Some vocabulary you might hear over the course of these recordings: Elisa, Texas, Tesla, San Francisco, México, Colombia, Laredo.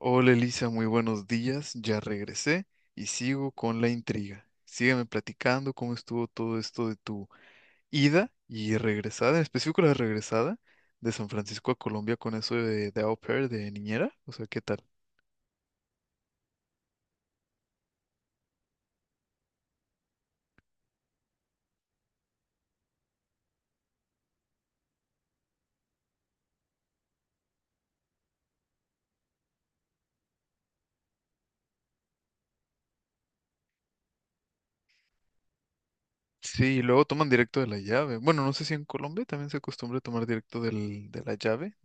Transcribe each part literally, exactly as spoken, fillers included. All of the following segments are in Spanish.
Hola Elisa, muy buenos días. Ya regresé y sigo con la intriga. Sígueme platicando cómo estuvo todo esto de tu ida y regresada, en específico la regresada de San Francisco a Colombia con eso de, de au pair, de niñera. O sea, ¿qué tal? Sí, y luego toman directo de la llave. Bueno, no sé si en Colombia también se acostumbra a tomar directo del, de la llave.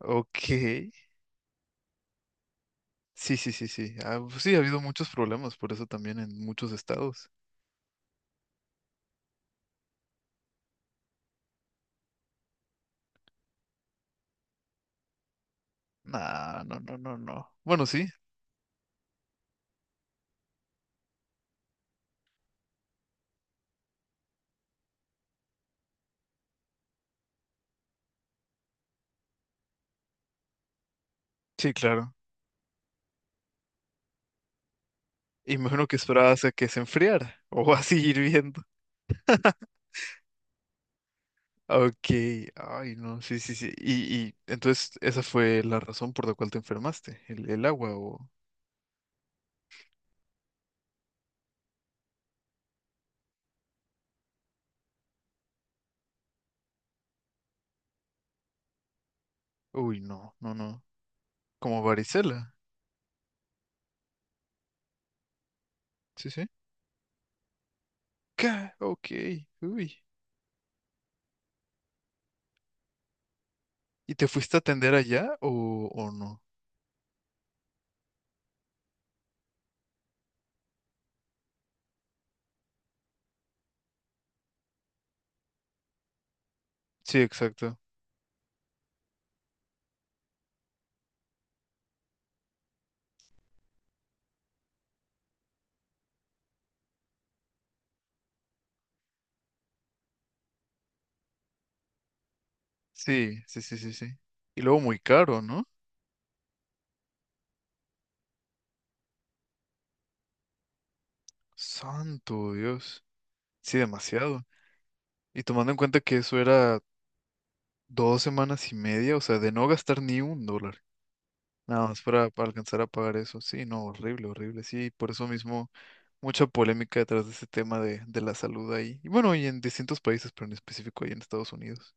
Ok. Sí, sí, sí, sí. Ah, pues sí, ha habido muchos problemas por eso también en muchos estados. Nah, no, no, no, no. Bueno, sí, sí, claro. Y me imagino que esperabas a que se enfriara o a seguir viendo. Ok, ay no, sí, sí, sí. Y, y entonces esa fue la razón por la cual te enfermaste, el, el agua o... Uy, no, no, no. Como varicela. Sí, sí. Ca- Ok, uy. ¿Y te fuiste a atender allá o, o no? Sí, exacto. Sí, sí, sí, sí, sí. Y luego muy caro, ¿no? Santo Dios. Sí, demasiado. Y tomando en cuenta que eso era dos semanas y media, o sea, de no gastar ni un dólar. Nada más para, para alcanzar a pagar eso. Sí, no, horrible, horrible. Sí, por eso mismo mucha polémica detrás de ese tema de, de la salud ahí. Y bueno, y en distintos países, pero en específico ahí en Estados Unidos.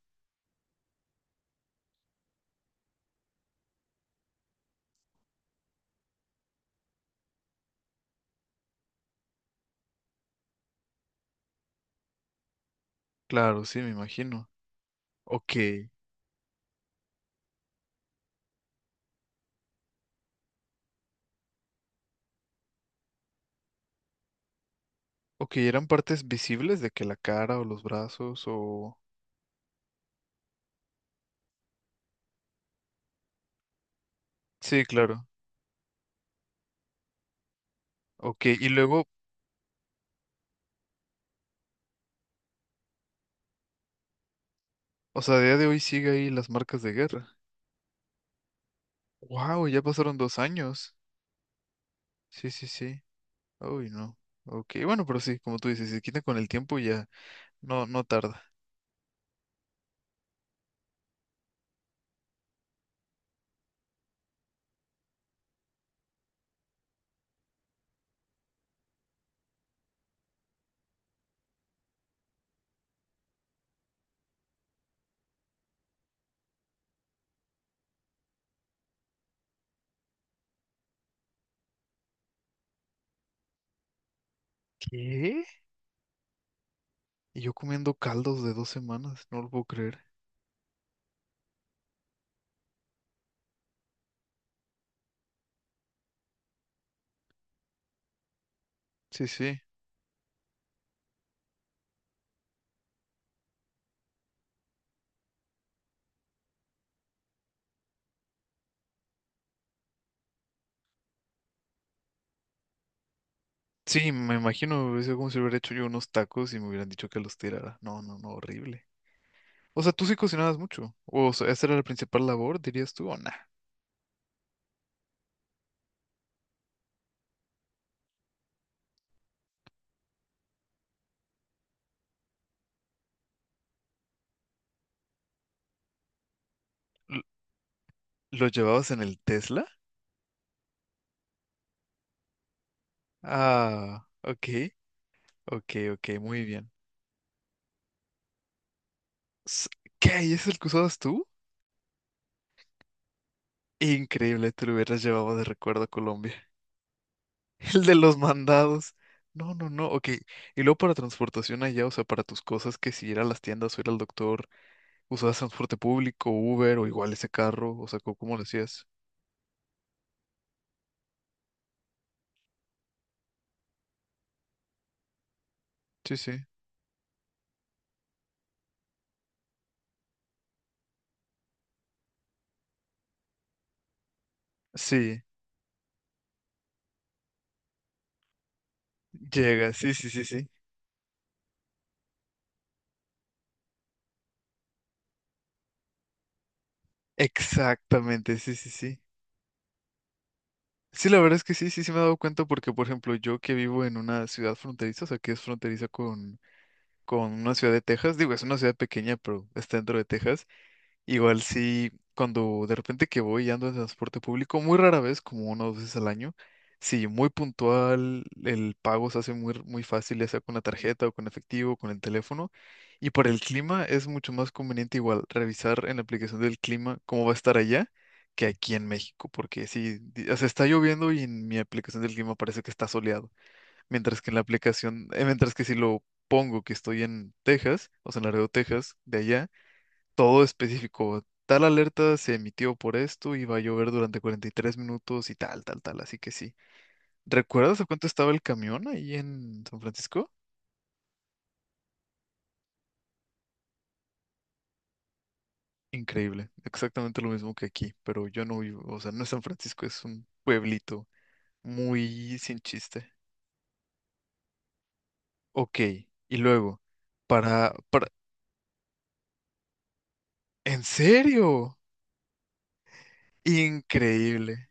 Claro, sí, me imagino. Ok. Ok, ¿eran partes visibles de que la cara o los brazos o...? Sí, claro. Ok, y luego, o sea, a día de hoy sigue ahí las marcas de guerra. Wow, ya pasaron dos años. Sí, sí, sí. Uy, no. Ok, bueno, pero sí, como tú dices, si se quita con el tiempo ya no, no tarda. ¿Qué? Y yo comiendo caldos de dos semanas, no lo puedo creer. Sí, sí. Sí, me imagino, hubiese sido como si hubiera hecho yo unos tacos y me hubieran dicho que los tirara. No, no, no, horrible. O sea, tú sí cocinabas mucho. O sea, ¿esa era la principal labor, dirías tú, o nah? ¿Lo lo llevabas en el Tesla? Ah, ok, ok, ok, muy bien. S- ¿Qué? ¿Y ese es el que usabas tú? Increíble, te lo hubieras llevado de recuerdo a Colombia. El de los mandados. No, no, no, ok. Y luego para transportación allá, o sea, para tus cosas, que si ir a las tiendas o ir al doctor, ¿usabas transporte público, Uber o igual ese carro? O sea, ¿cómo cómo lo hacías? Sí, sí. Sí, llega, sí, sí, sí, sí. Exactamente, sí, sí, sí. Sí, la verdad es que sí, sí, sí me he dado cuenta porque, por ejemplo, yo que vivo en una ciudad fronteriza, o sea, que es fronteriza con, con una ciudad de Texas, digo, es una ciudad pequeña, pero está dentro de Texas. Igual sí, cuando de repente que voy y ando en transporte público, muy rara vez, como una o dos veces al año, sí, muy puntual, el pago se hace muy, muy fácil, ya sea con la tarjeta o con efectivo, con el teléfono. Y por el clima es mucho más conveniente igual revisar en la aplicación del clima cómo va a estar allá que aquí en México, porque sí, di- o sea, está lloviendo y en mi aplicación del clima parece que está soleado, mientras que en la aplicación, eh, mientras que si lo pongo que estoy en Texas, o sea, en Laredo, Texas, de allá todo específico. Tal alerta se emitió por esto y va a llover durante cuarenta y tres minutos y tal, tal, tal. Así que sí. ¿Recuerdas a cuánto estaba el camión ahí en San Francisco? Increíble. Exactamente lo mismo que aquí, pero yo no vivo, o sea, no es San Francisco, es un pueblito muy sin chiste. Ok, y luego, para, para, ¿en serio? Increíble.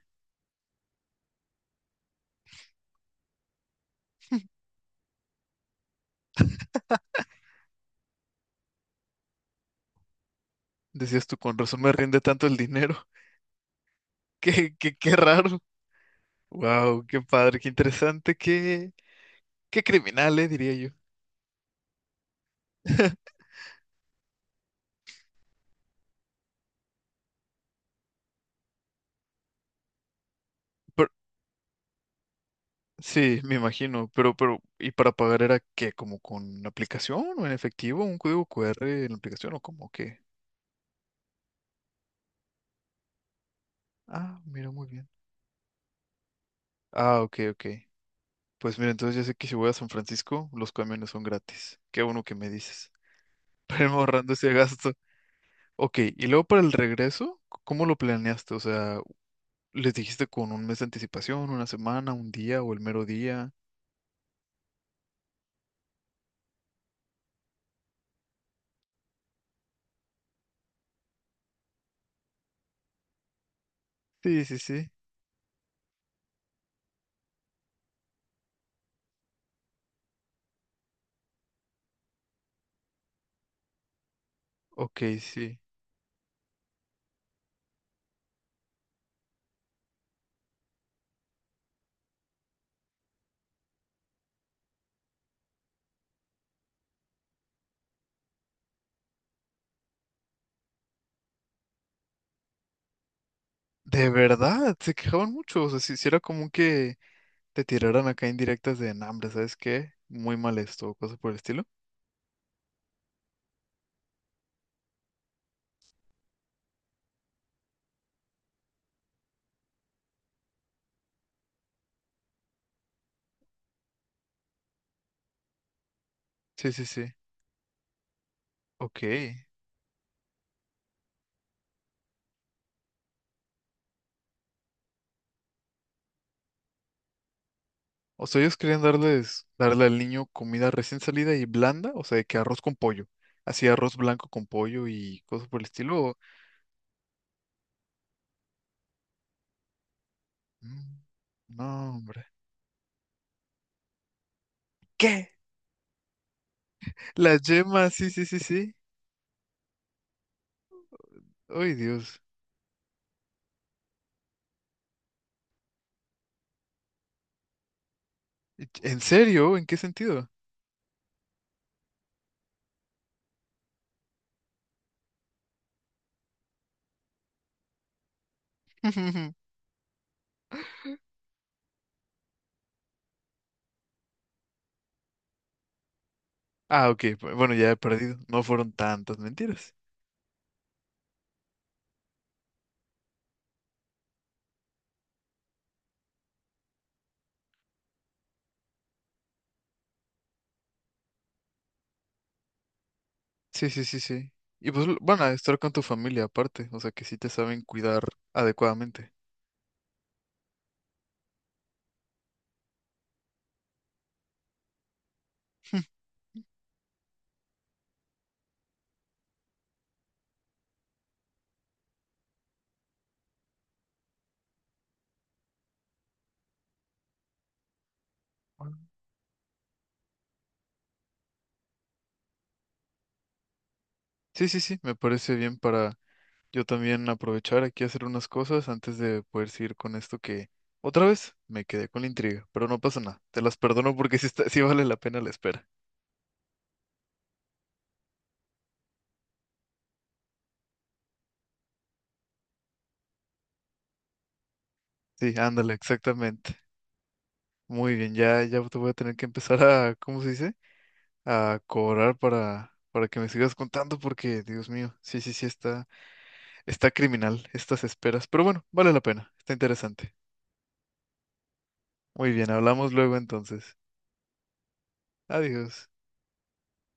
Decías tú, con razón me rinde tanto el dinero. Qué, qué, qué raro. Wow, qué padre, qué interesante, qué, Qué criminal, eh, diría yo. Pero- sí, me imagino, pero, pero, ¿y para pagar era qué? ¿Como con la aplicación o en efectivo? ¿Un código Q R en la aplicación o como qué? Ah, mira, muy bien. Ah, ok, ok. Pues mira, entonces ya sé que si voy a San Francisco, los camiones son gratis. Qué bueno que me dices. Para irme ahorrando ese gasto. Ok, y luego para el regreso, c- ¿cómo lo planeaste? O sea, ¿les dijiste con un mes de anticipación, una semana, un día o el mero día? Sí, sí, sí. Ok, sí. De verdad, se quejaban mucho. O sea, si, si era común que te tiraran acá indirectas de hambre, ¿sabes qué? Muy mal esto, o cosas por el estilo. Sí, sí, sí. Ok. O sea, ellos querían darles, darle al niño comida recién salida y blanda, o sea, de que arroz con pollo. Así arroz blanco con pollo y cosas por el estilo. o- Mm, No, hombre. ¿Qué? La yema, sí, sí, sí, sí. Ay, Dios. ¿En serio? ¿En qué sentido? Ah, ok. Bueno, ya he perdido. No fueron tantas mentiras. Sí, sí, sí, sí. Y pues l- van a estar con tu familia aparte, o sea que sí te saben cuidar adecuadamente. Bueno. Sí, sí, sí, me parece bien para yo también aprovechar aquí a hacer unas cosas antes de poder seguir con esto que otra vez me quedé con la intriga, pero no pasa nada, te las perdono porque sí, está- sí vale la pena la espera. Sí, ándale, exactamente. Muy bien, ya, ya te voy a tener que empezar a, ¿cómo se dice? A cobrar para, para que me sigas contando porque, Dios mío, sí, sí, sí está. Está criminal estas esperas, pero bueno, vale la pena, está interesante. Muy bien, hablamos luego entonces. Adiós.